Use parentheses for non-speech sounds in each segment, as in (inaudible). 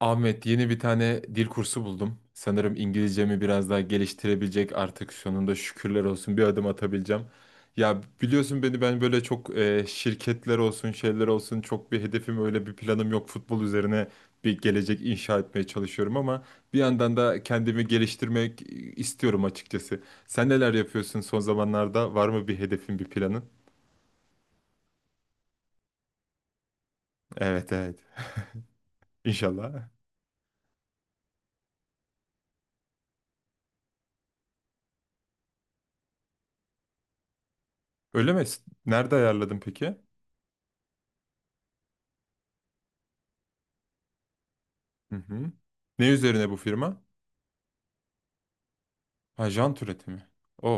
Ahmet yeni bir tane dil kursu buldum. Sanırım İngilizcemi biraz daha geliştirebilecek artık sonunda şükürler olsun bir adım atabileceğim. Ya biliyorsun beni ben böyle çok şirketler olsun şeyler olsun çok bir hedefim öyle bir planım yok. Futbol üzerine bir gelecek inşa etmeye çalışıyorum ama bir yandan da kendimi geliştirmek istiyorum açıkçası. Sen neler yapıyorsun son zamanlarda? Var mı bir hedefin bir planın? Evet, evet. İnşallah. Öyle mi? Nerede ayarladın peki? Hı hı. Ne üzerine bu firma? Ha, jant üretimi. O.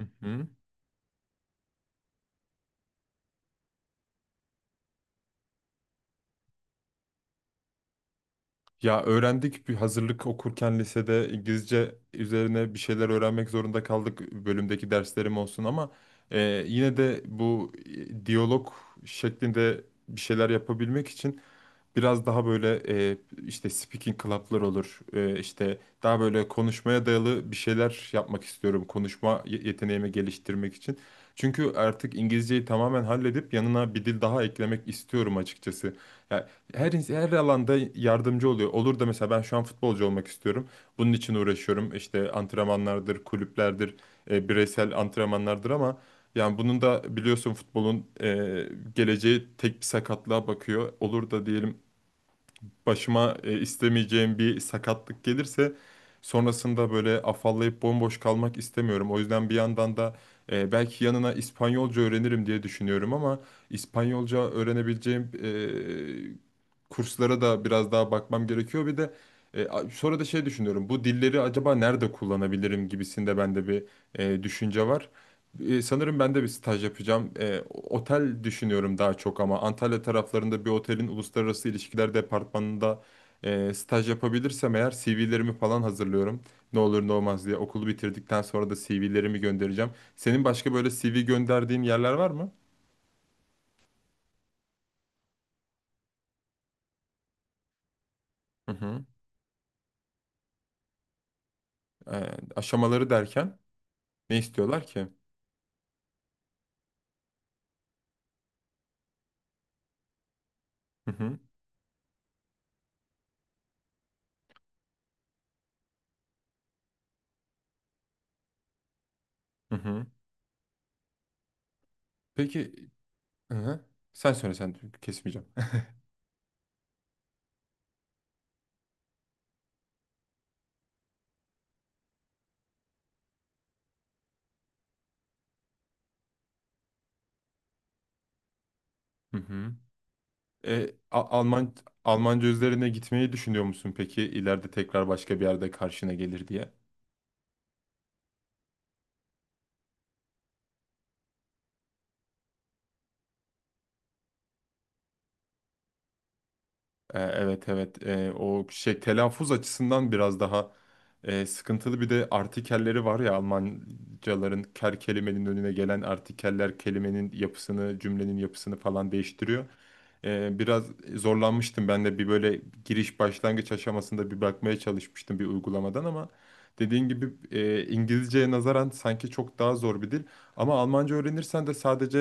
Hı hı. Ya öğrendik bir hazırlık okurken lisede İngilizce üzerine bir şeyler öğrenmek zorunda kaldık, bölümdeki derslerim olsun, ama e, yine de bu diyalog şeklinde bir şeyler yapabilmek için biraz daha böyle e, işte speaking club'lar olur. E, işte daha böyle konuşmaya dayalı bir şeyler yapmak istiyorum. Konuşma yeteneğimi geliştirmek için. Çünkü artık İngilizceyi tamamen halledip yanına bir dil daha eklemek istiyorum açıkçası. Ya her her alanda yardımcı oluyor. Olur da mesela ben şu an futbolcu olmak istiyorum. Bunun için uğraşıyorum. İşte antrenmanlardır, kulüplerdir, bireysel antrenmanlardır, ama yani bunun da biliyorsun futbolun geleceği tek bir sakatlığa bakıyor. Olur da diyelim başıma istemeyeceğim bir sakatlık gelirse sonrasında böyle afallayıp bomboş kalmak istemiyorum. O yüzden bir yandan da belki yanına İspanyolca öğrenirim diye düşünüyorum, ama İspanyolca öğrenebileceğim kurslara da biraz daha bakmam gerekiyor. Bir de sonra da şey düşünüyorum. Bu dilleri acaba nerede kullanabilirim gibisinde bende bir düşünce var. Sanırım ben de bir staj yapacağım. Otel düşünüyorum daha çok, ama Antalya taraflarında bir otelin uluslararası ilişkiler departmanında staj yapabilirsem eğer CV'lerimi falan hazırlıyorum. Ne olur ne olmaz diye okulu bitirdikten sonra da CV'lerimi göndereceğim. Senin başka böyle CV gönderdiğin yerler var mı? Hı hı. Ee, aşamaları derken ne istiyorlar ki? Hı hı. Hı hı. Peki, hı hı. Sen söyle, sen kesmeyeceğim. (laughs) Hı hı. E, A- Alman Almanca üzerine gitmeyi düşünüyor musun peki, ileride tekrar başka bir yerde karşına gelir diye? Evet, evet. O şey, telaffuz açısından biraz daha sıkıntılı, bir de artikelleri var ya Almancaların, ker kelimenin önüne gelen artikeller kelimenin yapısını, cümlenin yapısını falan değiştiriyor. Biraz zorlanmıştım ben de bir böyle giriş başlangıç aşamasında, bir bakmaya çalışmıştım bir uygulamadan, ama dediğin gibi İngilizceye nazaran sanki çok daha zor bir dil, ama Almanca öğrenirsen de sadece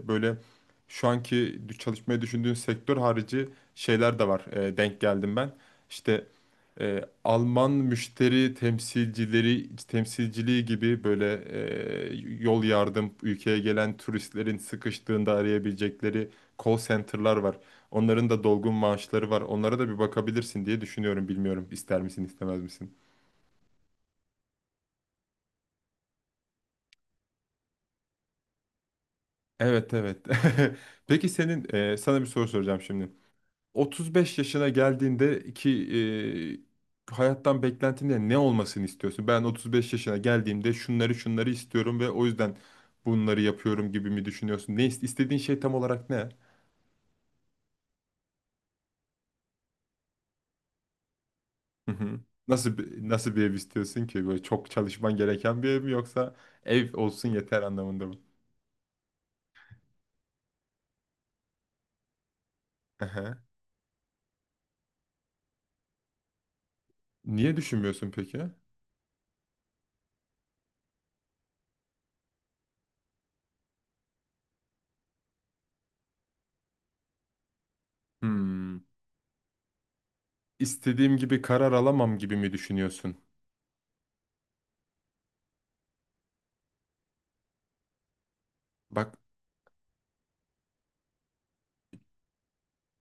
böyle şu anki çalışmayı düşündüğün sektör harici şeyler de var. Denk geldim ben. İşte Alman müşteri temsilcileri temsilciliği gibi, böyle e, yol yardım, ülkeye gelen turistlerin sıkıştığında arayabilecekleri call center'lar var. Onların da dolgun maaşları var. Onlara da bir bakabilirsin diye düşünüyorum. Bilmiyorum, ister misin istemez misin? Evet, evet. (laughs) Peki, sana bir soru soracağım şimdi. 35 yaşına geldiğinde ki hayattan beklentinde ne olmasını istiyorsun? Ben 35 yaşına geldiğimde şunları şunları istiyorum ve o yüzden bunları yapıyorum gibi mi düşünüyorsun? Ne istediğin şey tam olarak ne? Hı hı. Nasıl bir ev istiyorsun ki? Böyle çok çalışman gereken bir ev mi, yoksa ev olsun yeter anlamında mı? Aha. Niye düşünmüyorsun peki? Hmm. İstediğim gibi karar alamam gibi mi düşünüyorsun? Bak,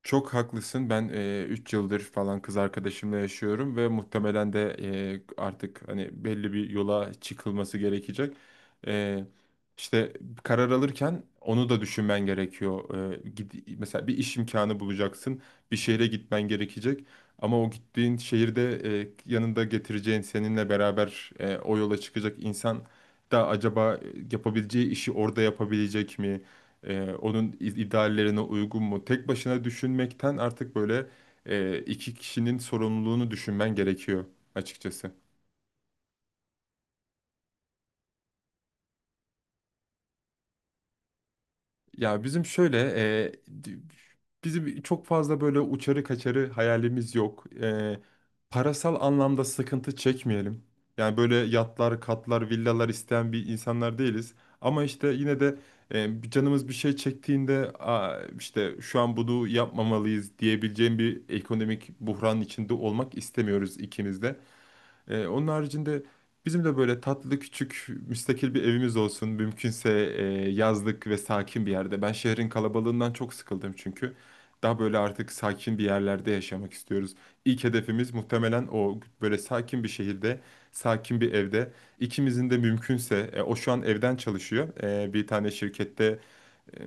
çok haklısın. Ben 3 yıldır falan kız arkadaşımla yaşıyorum ve muhtemelen de artık hani belli bir yola çıkılması gerekecek. E, işte karar alırken onu da düşünmen gerekiyor. Mesela bir iş imkanı bulacaksın, bir şehre gitmen gerekecek. Ama o gittiğin şehirde yanında getireceğin, seninle beraber o yola çıkacak insan da acaba yapabileceği işi orada yapabilecek mi? Onun ideallerine uygun mu? Tek başına düşünmekten artık böyle iki kişinin sorumluluğunu düşünmen gerekiyor açıkçası. Ya bizim şöyle, e, di- bizim çok fazla böyle uçarı kaçarı hayalimiz yok. Parasal anlamda sıkıntı çekmeyelim. Yani böyle yatlar, katlar, villalar isteyen bir insanlar değiliz. Ama işte yine de bir canımız bir şey çektiğinde, "Aa, işte şu an bunu yapmamalıyız," diyebileceğim bir ekonomik buhranın içinde olmak istemiyoruz ikimiz de. Onun haricinde bizim de böyle tatlı, küçük, müstakil bir evimiz olsun. Mümkünse e, yazlık ve sakin bir yerde. Ben şehrin kalabalığından çok sıkıldım çünkü. Daha böyle artık sakin bir yerlerde yaşamak istiyoruz. İlk hedefimiz muhtemelen o: böyle sakin bir şehirde, sakin bir evde. İkimizin de mümkünse. O şu an evden çalışıyor. Bir tane şirkette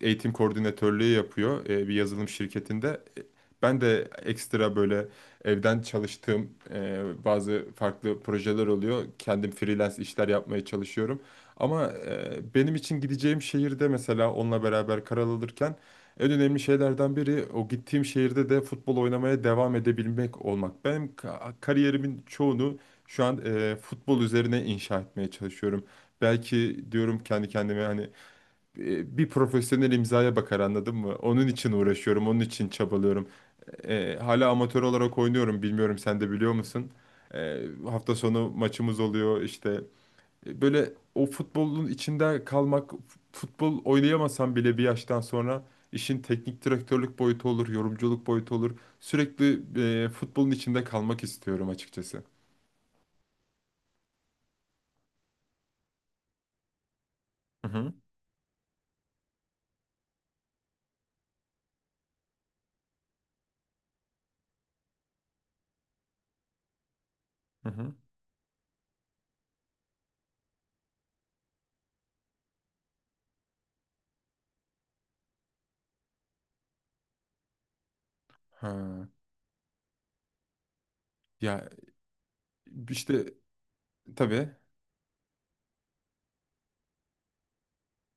eğitim koordinatörlüğü yapıyor, bir yazılım şirketinde. Ben de ekstra böyle evden çalıştığım, bazı farklı projeler oluyor. Kendim freelance işler yapmaya çalışıyorum. Ama benim için gideceğim şehirde mesela onunla beraber karar alırken en önemli şeylerden biri, o gittiğim şehirde de futbol oynamaya devam edebilmek olmak. Benim kariyerimin çoğunu şu an futbol üzerine inşa etmeye çalışıyorum. Belki diyorum kendi kendime, hani bir profesyonel imzaya bakar, anladın mı? Onun için uğraşıyorum, onun için çabalıyorum. Hala amatör olarak oynuyorum, bilmiyorum sen de biliyor musun? Hafta sonu maçımız oluyor işte. Böyle o futbolun içinde kalmak, futbol oynayamasam bile bir yaştan sonra işin teknik direktörlük boyutu olur, yorumculuk boyutu olur. Sürekli futbolun içinde kalmak istiyorum açıkçası. Hı hı. Hı hı. Ha. Ya, işte tabii.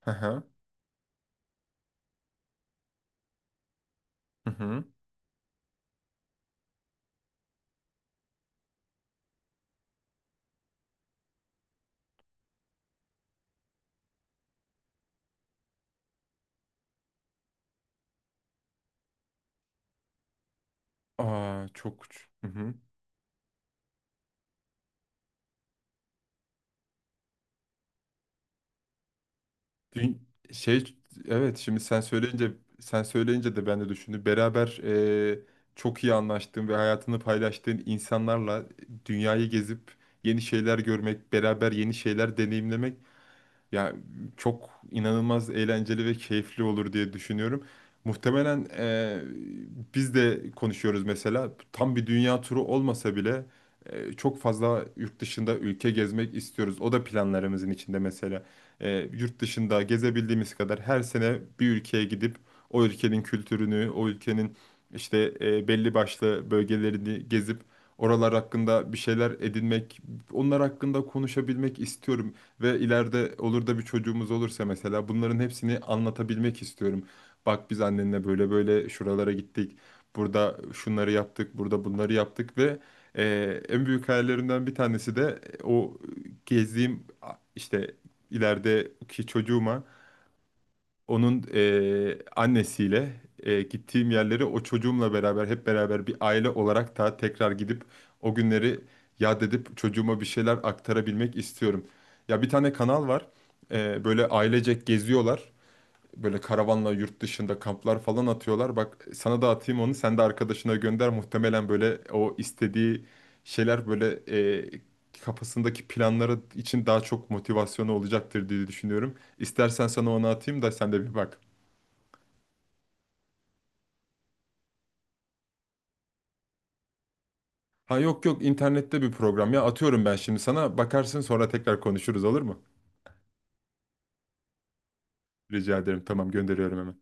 Hı hı. Hı hı. Aa, çok uç. Hı hı. Dün- şey evet, şimdi sen söyleyince, de ben de düşündüm. Beraber e, çok iyi anlaştığın ve hayatını paylaştığın insanlarla dünyayı gezip yeni şeyler görmek, beraber yeni şeyler deneyimlemek. Ya, çok inanılmaz eğlenceli ve keyifli olur diye düşünüyorum. Muhtemelen biz de konuşuyoruz mesela. Tam bir dünya turu olmasa bile çok fazla yurt dışında ülke gezmek istiyoruz. O da planlarımızın içinde mesela. Yurt dışında gezebildiğimiz kadar her sene bir ülkeye gidip o ülkenin kültürünü, o ülkenin işte belli başlı bölgelerini gezip, oralar hakkında bir şeyler edinmek, onlar hakkında konuşabilmek istiyorum. Ve ileride olur da bir çocuğumuz olursa, mesela bunların hepsini anlatabilmek istiyorum. Bak, biz annenle böyle böyle şuralara gittik. Burada şunları yaptık, burada bunları yaptık, ve en büyük hayallerimden bir tanesi de o gezdiğim, işte, ilerideki çocuğuma, onun annesiyle gittiğim yerleri o çocuğumla beraber, hep beraber bir aile olarak da tekrar gidip o günleri yad edip çocuğuma bir şeyler aktarabilmek istiyorum. Ya, bir tane kanal var. Böyle ailecek geziyorlar. Böyle karavanla yurt dışında kamplar falan atıyorlar. Bak, sana da atayım onu. Sen de arkadaşına gönder. Muhtemelen böyle, o istediği şeyler böyle, kafasındaki planları için daha çok motivasyonu olacaktır diye düşünüyorum. İstersen sana onu atayım da sen de bir bak. Ha, yok yok, internette bir program. Ya atıyorum ben şimdi sana, bakarsın sonra tekrar konuşuruz, olur mu? Rica ederim, tamam, gönderiyorum hemen.